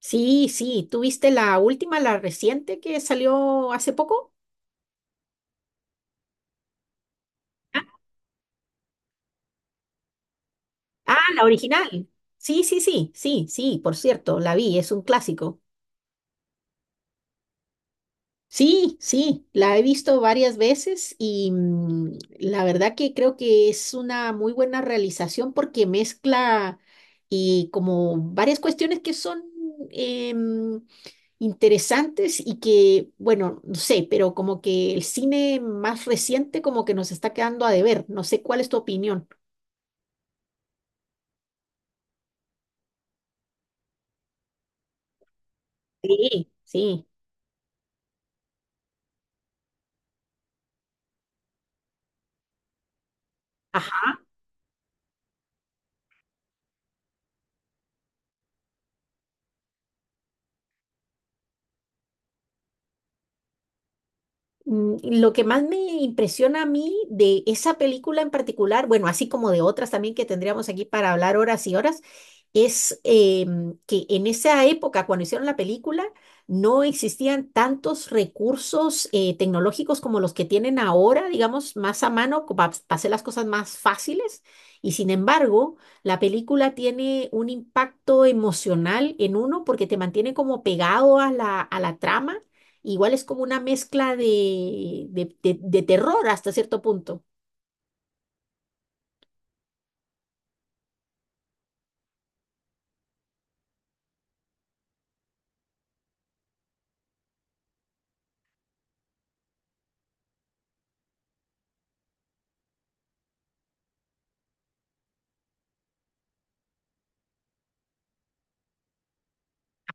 Sí, sí, ¿tú viste la última, la reciente que salió hace poco? Ah, ah, la original. Sí, sí, sí, sí, sí, por cierto, la vi, es un clásico. Sí, sí, la he visto varias veces y la verdad que creo que es una muy buena realización porque mezcla y como varias cuestiones que son em, interesantes y que, bueno, no sé, pero como que el cine más reciente como que nos está quedando a deber. No sé cuál es tu opinión. Sí, sí. Ajá. Lo que más me impresiona a mí de esa película en particular, bueno, así como de otras también que tendríamos aquí para hablar horas y horas, es que en esa época, cuando hicieron la película, no existían tantos recursos tecnológicos como los que tienen ahora, digamos, más a mano, para hacer las cosas más fáciles. Y sin embargo, la película tiene un impacto emocional en uno porque te mantiene como pegado a la trama. Igual es como una mezcla de terror hasta cierto punto.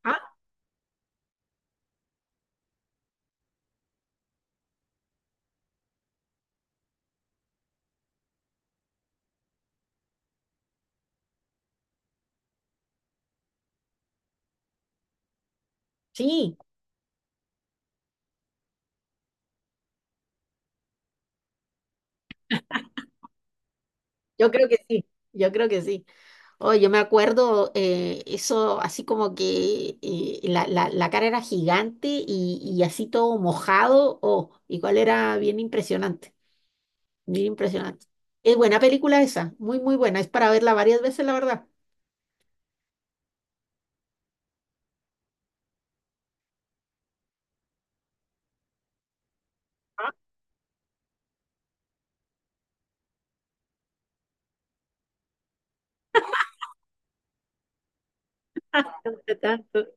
Ajá, sí, yo creo que sí, yo creo que sí. Oh, yo me acuerdo eso así como que la cara era gigante y así todo mojado. Oh, igual era bien impresionante, bien impresionante. Es buena película esa, muy, muy buena. Es para verla varias veces, la verdad. Tanto, tanto.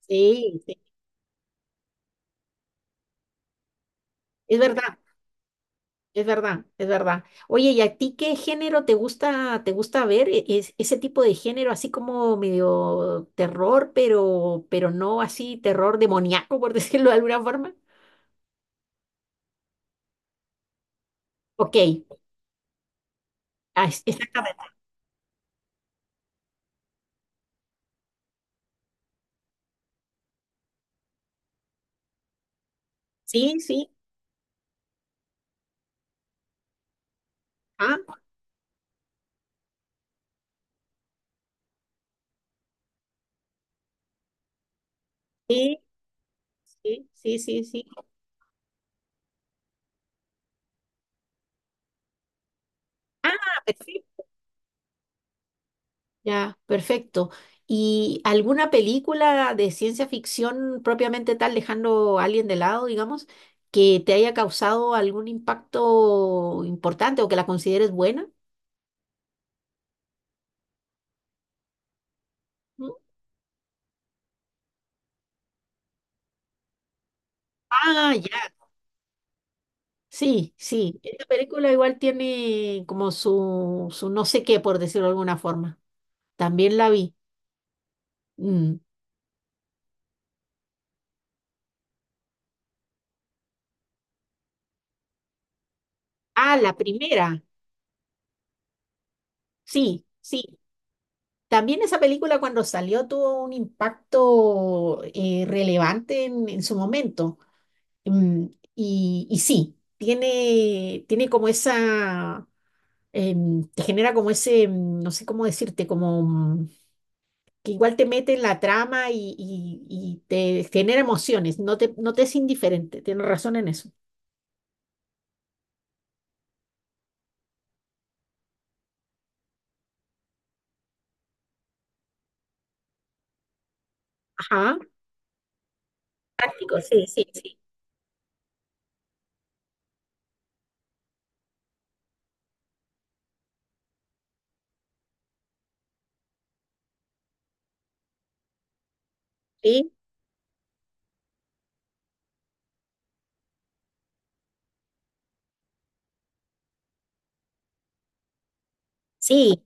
Sí, sí, es verdad. Es verdad, es verdad. Oye, ¿y a ti qué género te gusta ver? Ese tipo de género, así como medio terror, pero no así terror demoníaco, por decirlo de alguna forma. Ok, ah, exactamente. Sí, sí. Ah, sí, sí, sí, sí, sí. Ah, perfecto. Ya, perfecto. ¿Y alguna película de ciencia ficción propiamente tal, dejando a alguien de lado, digamos, que te haya causado algún impacto importante o que la consideres buena? ¿Mm? Ah, ya, sí, sí. Esta película igual tiene como su no sé qué, por decirlo de alguna forma. También la vi. Mm. Ah, la primera. Sí, sí. También esa película cuando salió tuvo un impacto relevante en su momento. Mm, y sí, tiene como esa, te genera como ese, no sé cómo decirte, como que igual te mete en la trama y te genera emociones, no te es indiferente, tienes razón en eso. Ajá, práctico, sí, sí, sí. Sí,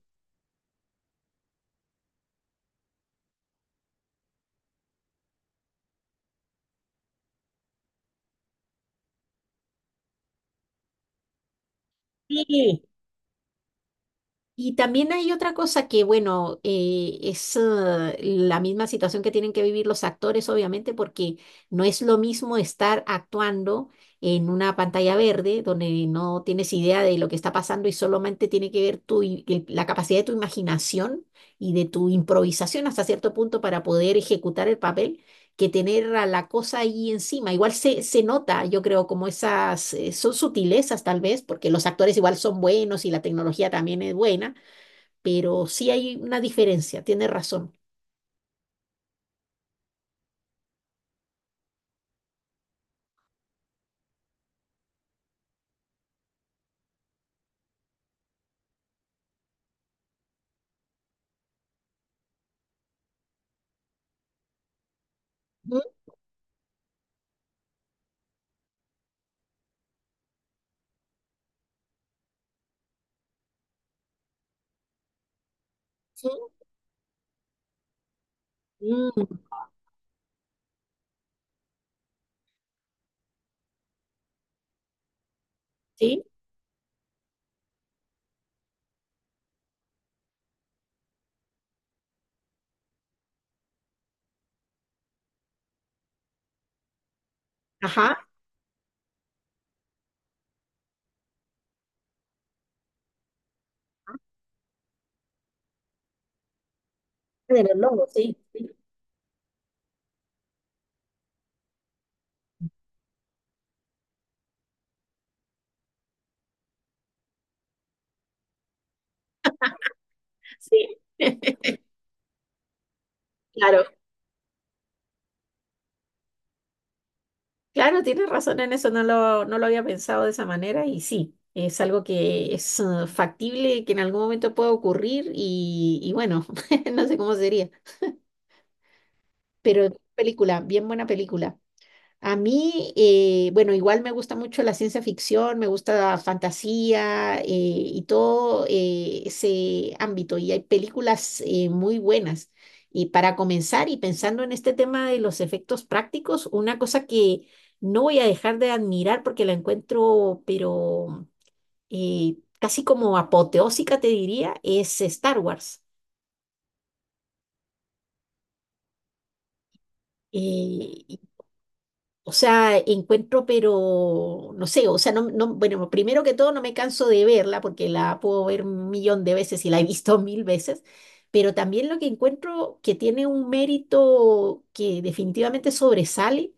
sí, sí. Y también hay otra cosa que, bueno, es la misma situación que tienen que vivir los actores, obviamente, porque no es lo mismo estar actuando en una pantalla verde donde no tienes idea de lo que está pasando y solamente tiene que ver la capacidad de tu imaginación y de tu improvisación hasta cierto punto para poder ejecutar el papel, que tener a la cosa ahí encima. Igual se nota, yo creo, como esas, son sutilezas tal vez, porque los actores igual son buenos y la tecnología también es buena, pero sí hay una diferencia, tiene razón. Ujú. Sí, mm, sí, ajá, de los lobos, sí, sí, sí. Claro, claro, tienes razón en eso, no lo había pensado de esa manera y sí, es algo que es factible, que en algún momento puede ocurrir y bueno, no sé cómo sería, pero película, bien buena película. A mí, bueno, igual me gusta mucho la ciencia ficción, me gusta la fantasía y todo ese ámbito. Y hay películas muy buenas. Y para comenzar, y pensando en este tema de los efectos prácticos, una cosa que no voy a dejar de admirar porque la encuentro, pero casi como apoteósica, te diría, es Star Wars. Eh, O sea, encuentro, pero no sé, o sea, no, bueno, primero que todo no me canso de verla porque la puedo ver un millón de veces y la he visto mil veces, pero también lo que encuentro que tiene un mérito que definitivamente sobresale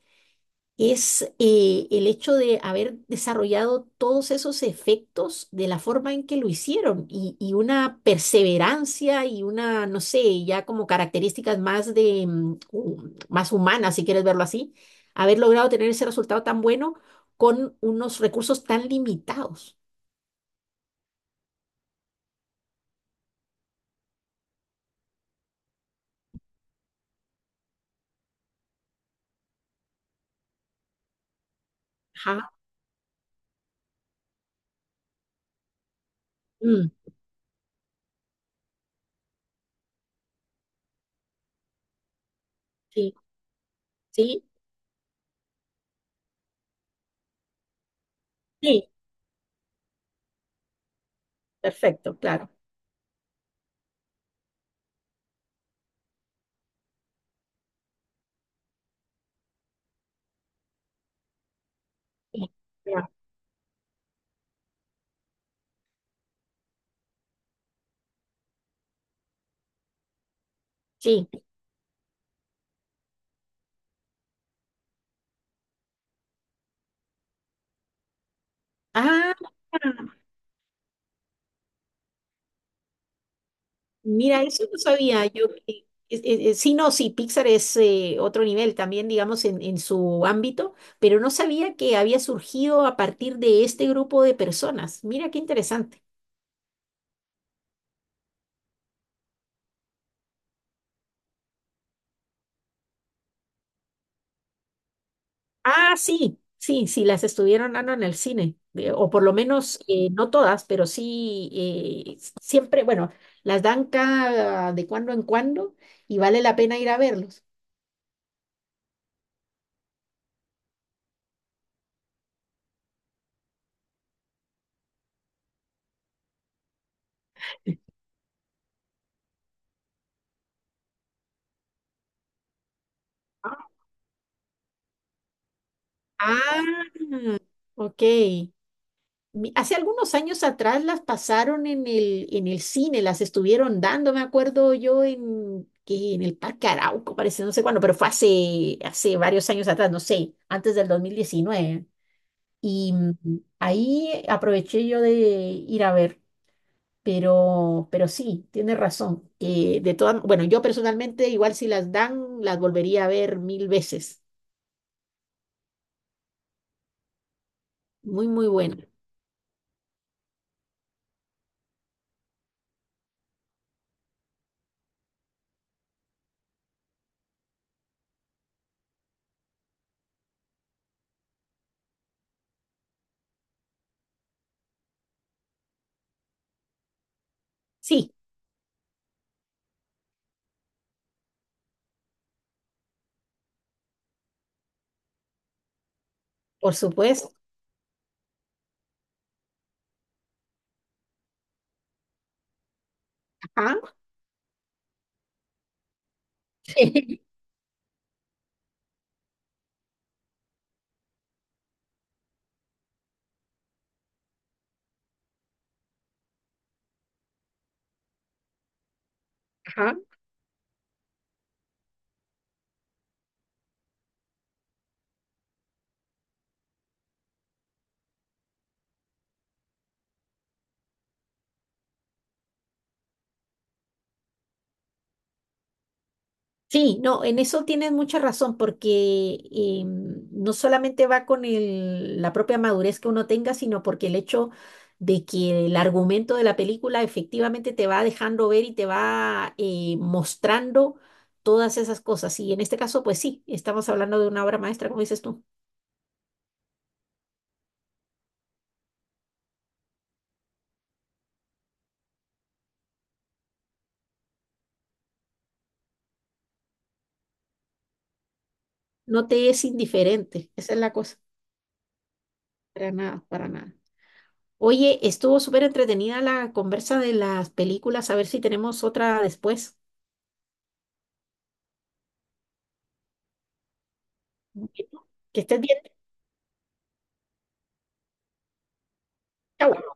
es el hecho de haber desarrollado todos esos efectos de la forma en que lo hicieron y una perseverancia y una, no sé, ya como características más humanas, si quieres verlo así, haber logrado tener ese resultado tan bueno con unos recursos tan limitados. Ajá. Mm, sí, sí, sí, perfecto, claro. Sí, claro, sí. Ah, mira, eso no sabía yo. Sí, no, sí, Pixar es otro nivel también, digamos, en su ámbito, pero no sabía que había surgido a partir de este grupo de personas. Mira qué interesante. Ah, sí, sí, sí, las estuvieron dando en el cine, o por lo menos no todas, pero sí, siempre, bueno, las dan cada de cuando en cuando y vale la pena ir a verlos. Ah, ok. Hace algunos años atrás las pasaron en el cine, las estuvieron dando, me acuerdo yo, que en el Parque Arauco, parece, no sé cuándo, pero fue hace varios años atrás, no sé, antes del 2019. Y ahí aproveché yo de ir a ver, pero sí, tienes razón, que de todas, bueno, yo personalmente igual si las dan, las volvería a ver mil veces. Muy, muy buena. Sí, por supuesto. Ajá. Ajá. Sí, no, en eso tienes mucha razón, porque no solamente va con la propia madurez que uno tenga, sino porque el hecho de que el argumento de la película efectivamente te va dejando ver y te va mostrando todas esas cosas. Y en este caso, pues sí, estamos hablando de una obra maestra, como dices tú. No te es indiferente, esa es la cosa. Para nada, para nada. Oye, estuvo súper entretenida la conversa de las películas, a ver si tenemos otra después. Bueno. Que estés bien. Chao.